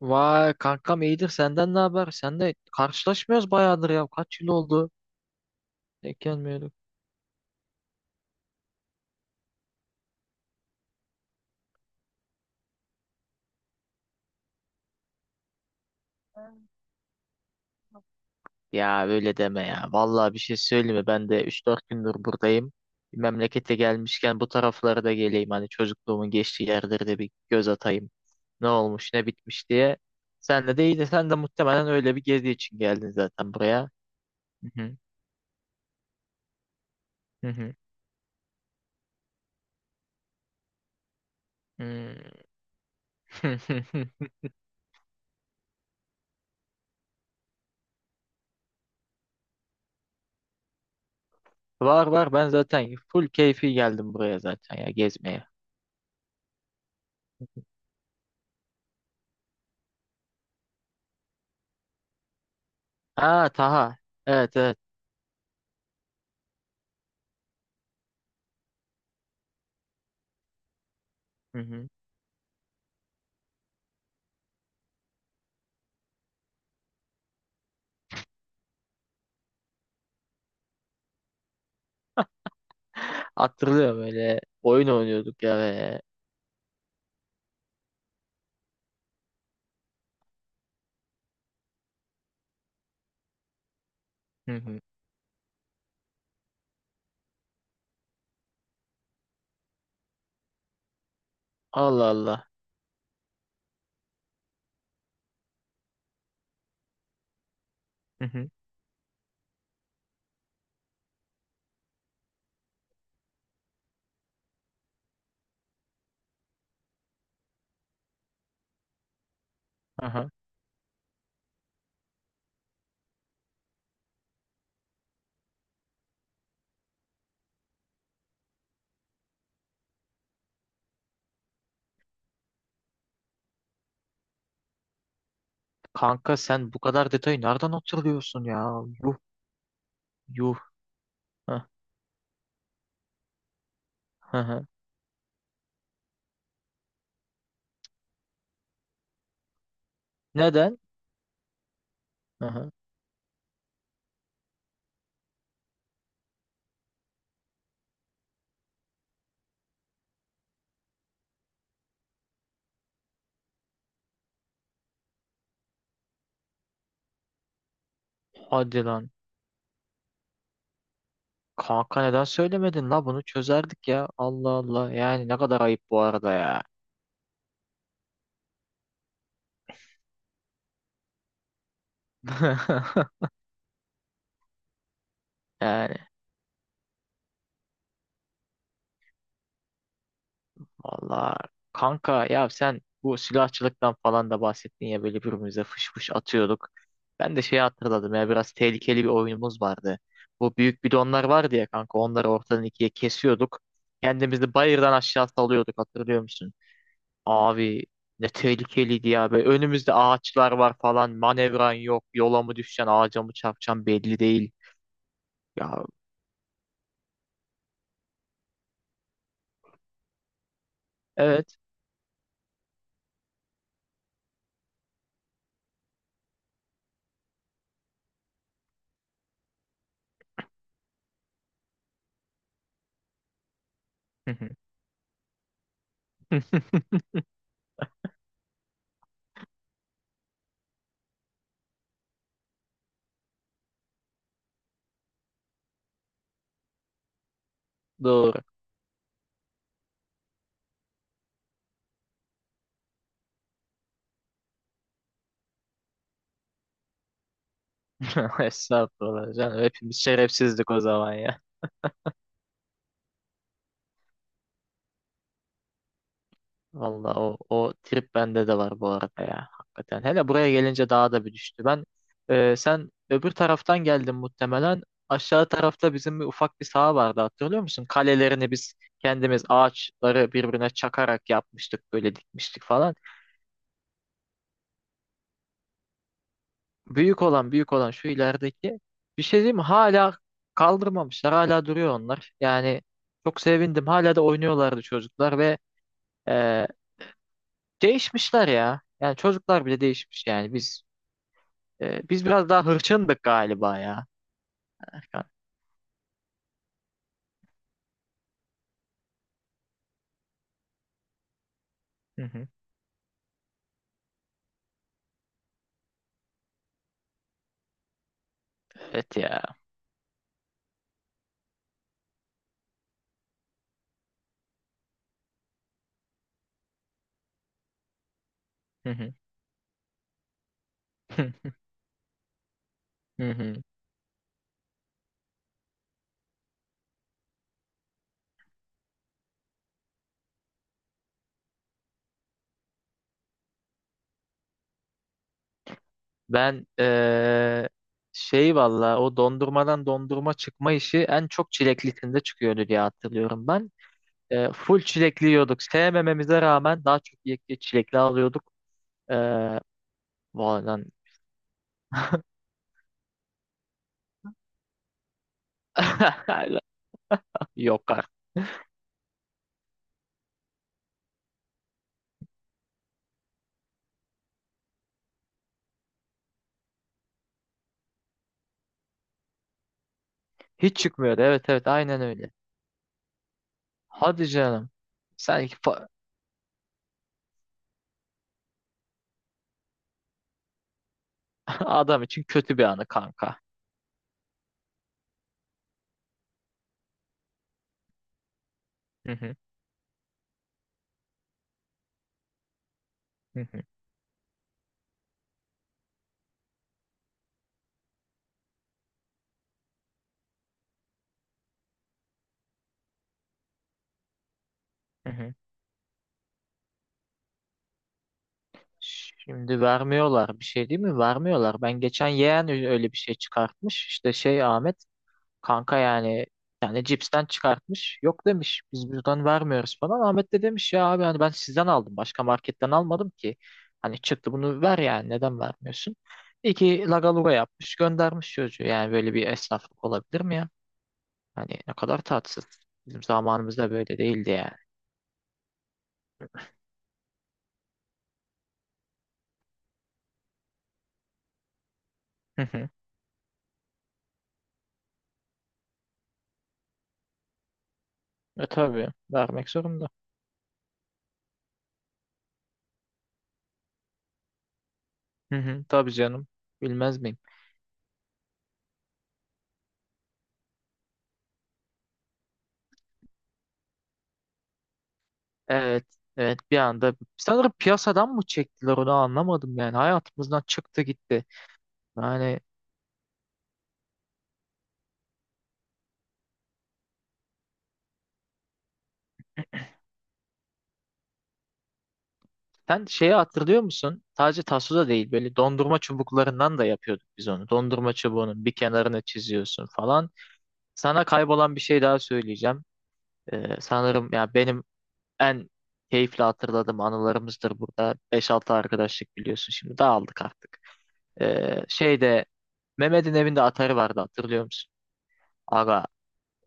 Vay kankam iyidir senden ne haber? Sen de karşılaşmıyoruz bayağıdır ya. Kaç yıl oldu? Denk gelmiyorduk. Ya öyle deme ya. Vallahi bir şey söyleyeyim mi? Ben de 3-4 gündür buradayım. Memlekete gelmişken bu taraflara da geleyim. Hani çocukluğumun geçtiği yerlere de bir göz atayım. Ne olmuş, ne bitmiş diye. Sen de iyi de sen de muhtemelen öyle bir gezi için geldin zaten buraya. Hı hı, hı hı, hı. Var var, ben zaten full keyfi geldim buraya zaten ya gezmeye. Ha Taha. Evet, evet. Hı hı. Hatırlıyorum, böyle oyun oynuyorduk ya böyle. Hı hı. Allah Allah. Hı hı. Aha. Kanka sen bu kadar detayı nereden hatırlıyorsun ya? Yuh yuh. Hah, hı hı. Neden? Hı hı. Hadi lan. Kanka neden söylemedin la, bunu çözerdik ya. Allah Allah. Yani ne kadar ayıp bu arada ya. Yani vallahi kanka, ya sen bu silahçılıktan falan da bahsettin ya, böyle birbirimize fış fış atıyorduk. Ben de şeyi hatırladım ya, biraz tehlikeli bir oyunumuz vardı. Bu büyük bidonlar vardı ya kanka, onları ortadan ikiye kesiyorduk. Kendimizi bayırdan aşağı salıyorduk, hatırlıyor musun? Abi ne tehlikeliydi ya, böyle önümüzde ağaçlar var falan, manevran yok, yola mı düşeceksin, ağaca mı çarpacaksın belli değil. Ya evet. Doğru. Estağfurullah canım, hepimiz şerefsizdik o zaman ya. Valla o trip bende de var bu arada ya. Hakikaten. Hele buraya gelince daha da bir düştü. Ben sen öbür taraftan geldin muhtemelen. Aşağı tarafta bizim bir ufak bir saha vardı, hatırlıyor musun? Kalelerini biz kendimiz, ağaçları birbirine çakarak yapmıştık. Böyle dikmiştik falan. Büyük olan, büyük olan şu ilerideki. Bir şey diyeyim mi? Hala kaldırmamışlar. Hala duruyor onlar. Yani çok sevindim. Hala da oynuyorlardı çocuklar ve e, değişmişler ya. Yani çocuklar bile değişmiş yani. Biz biraz daha hırçındık galiba ya Erkan. Hı hı. Evet ya. Hı hı. Hı hı. Hı. Ben şey valla, o dondurmadan dondurma çıkma işi en çok çileklisinde çıkıyordu diye hatırlıyorum ben. Full çilekli yiyorduk. Sevmememize rağmen daha çok çilekli alıyorduk. Ee, vallahi. Yok artık. Hiç çıkmıyordu. Evet, evet, aynen öyle. Hadi canım. Sanki adam için kötü bir anı kanka. Hı hı. Hı hı. Hı hı. Şimdi vermiyorlar bir şey, değil mi? Vermiyorlar. Ben geçen yeğen, öyle bir şey çıkartmış. İşte şey, Ahmet kanka yani, yani cipsten çıkartmış. Yok demiş, biz buradan vermiyoruz falan. Ahmet de demiş ya abi, hani ben sizden aldım. Başka marketten almadım ki. Hani çıktı bunu ver, yani neden vermiyorsun? İki lagaluga yapmış, göndermiş çocuğu. Yani böyle bir esnaflık olabilir mi ya? Hani ne kadar tatsız. Bizim zamanımızda böyle değildi yani. Hı hı. E tabii, vermek zorunda. Hı hı. Tabii canım. Bilmez miyim? Evet, evet, bir anda sanırım piyasadan mı çektiler onu anlamadım, yani hayatımızdan çıktı gitti. Yani sen şeyi hatırlıyor musun? Sadece taso da değil, böyle dondurma çubuklarından da yapıyorduk biz onu. Dondurma çubuğunun bir kenarını çiziyorsun falan. Sana kaybolan bir şey daha söyleyeceğim. Sanırım ya, benim en keyifli hatırladığım anılarımızdır burada. 5-6 arkadaşlık biliyorsun, şimdi dağıldık artık. Şeyde Mehmet'in evinde atarı vardı, hatırlıyor musun? Aga.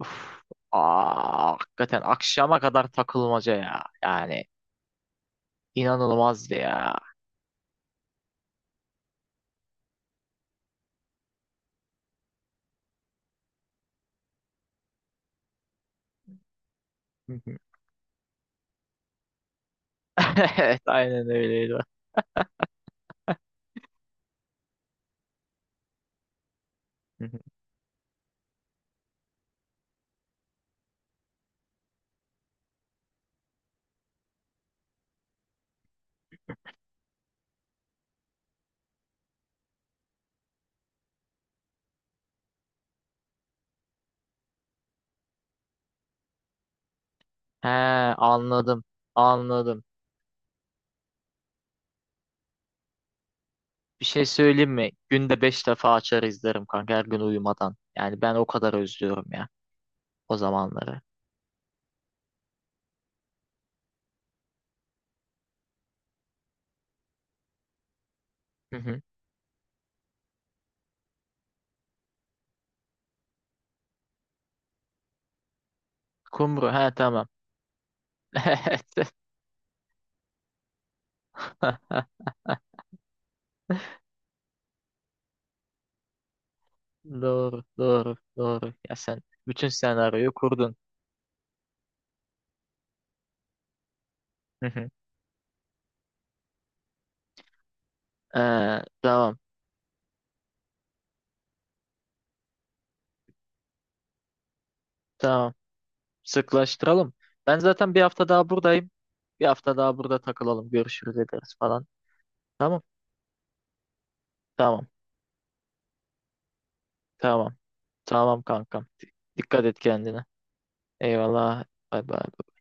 Uf, aa, hakikaten akşama kadar takılmaca ya. Yani inanılmazdı ya. Hı hı. Evet aynen öyleydi. Hı hı. He, anladım. Anladım. Bir şey söyleyeyim mi? Günde 5 defa açar izlerim kanka her gün uyumadan. Yani ben o kadar özlüyorum ya o zamanları. Hı hı. Kumru, he, tamam. Evet. Doğru doğru doğru. Ya sen bütün senaryoyu kurdun. Hı hı. Tamam tamam. Sıklaştıralım. Ben zaten bir hafta daha buradayım. Bir hafta daha burada takılalım. Görüşürüz, ederiz falan. Tamam. Tamam. Tamam. Tamam kankam. Dikkat et kendine. Eyvallah. Bay bay.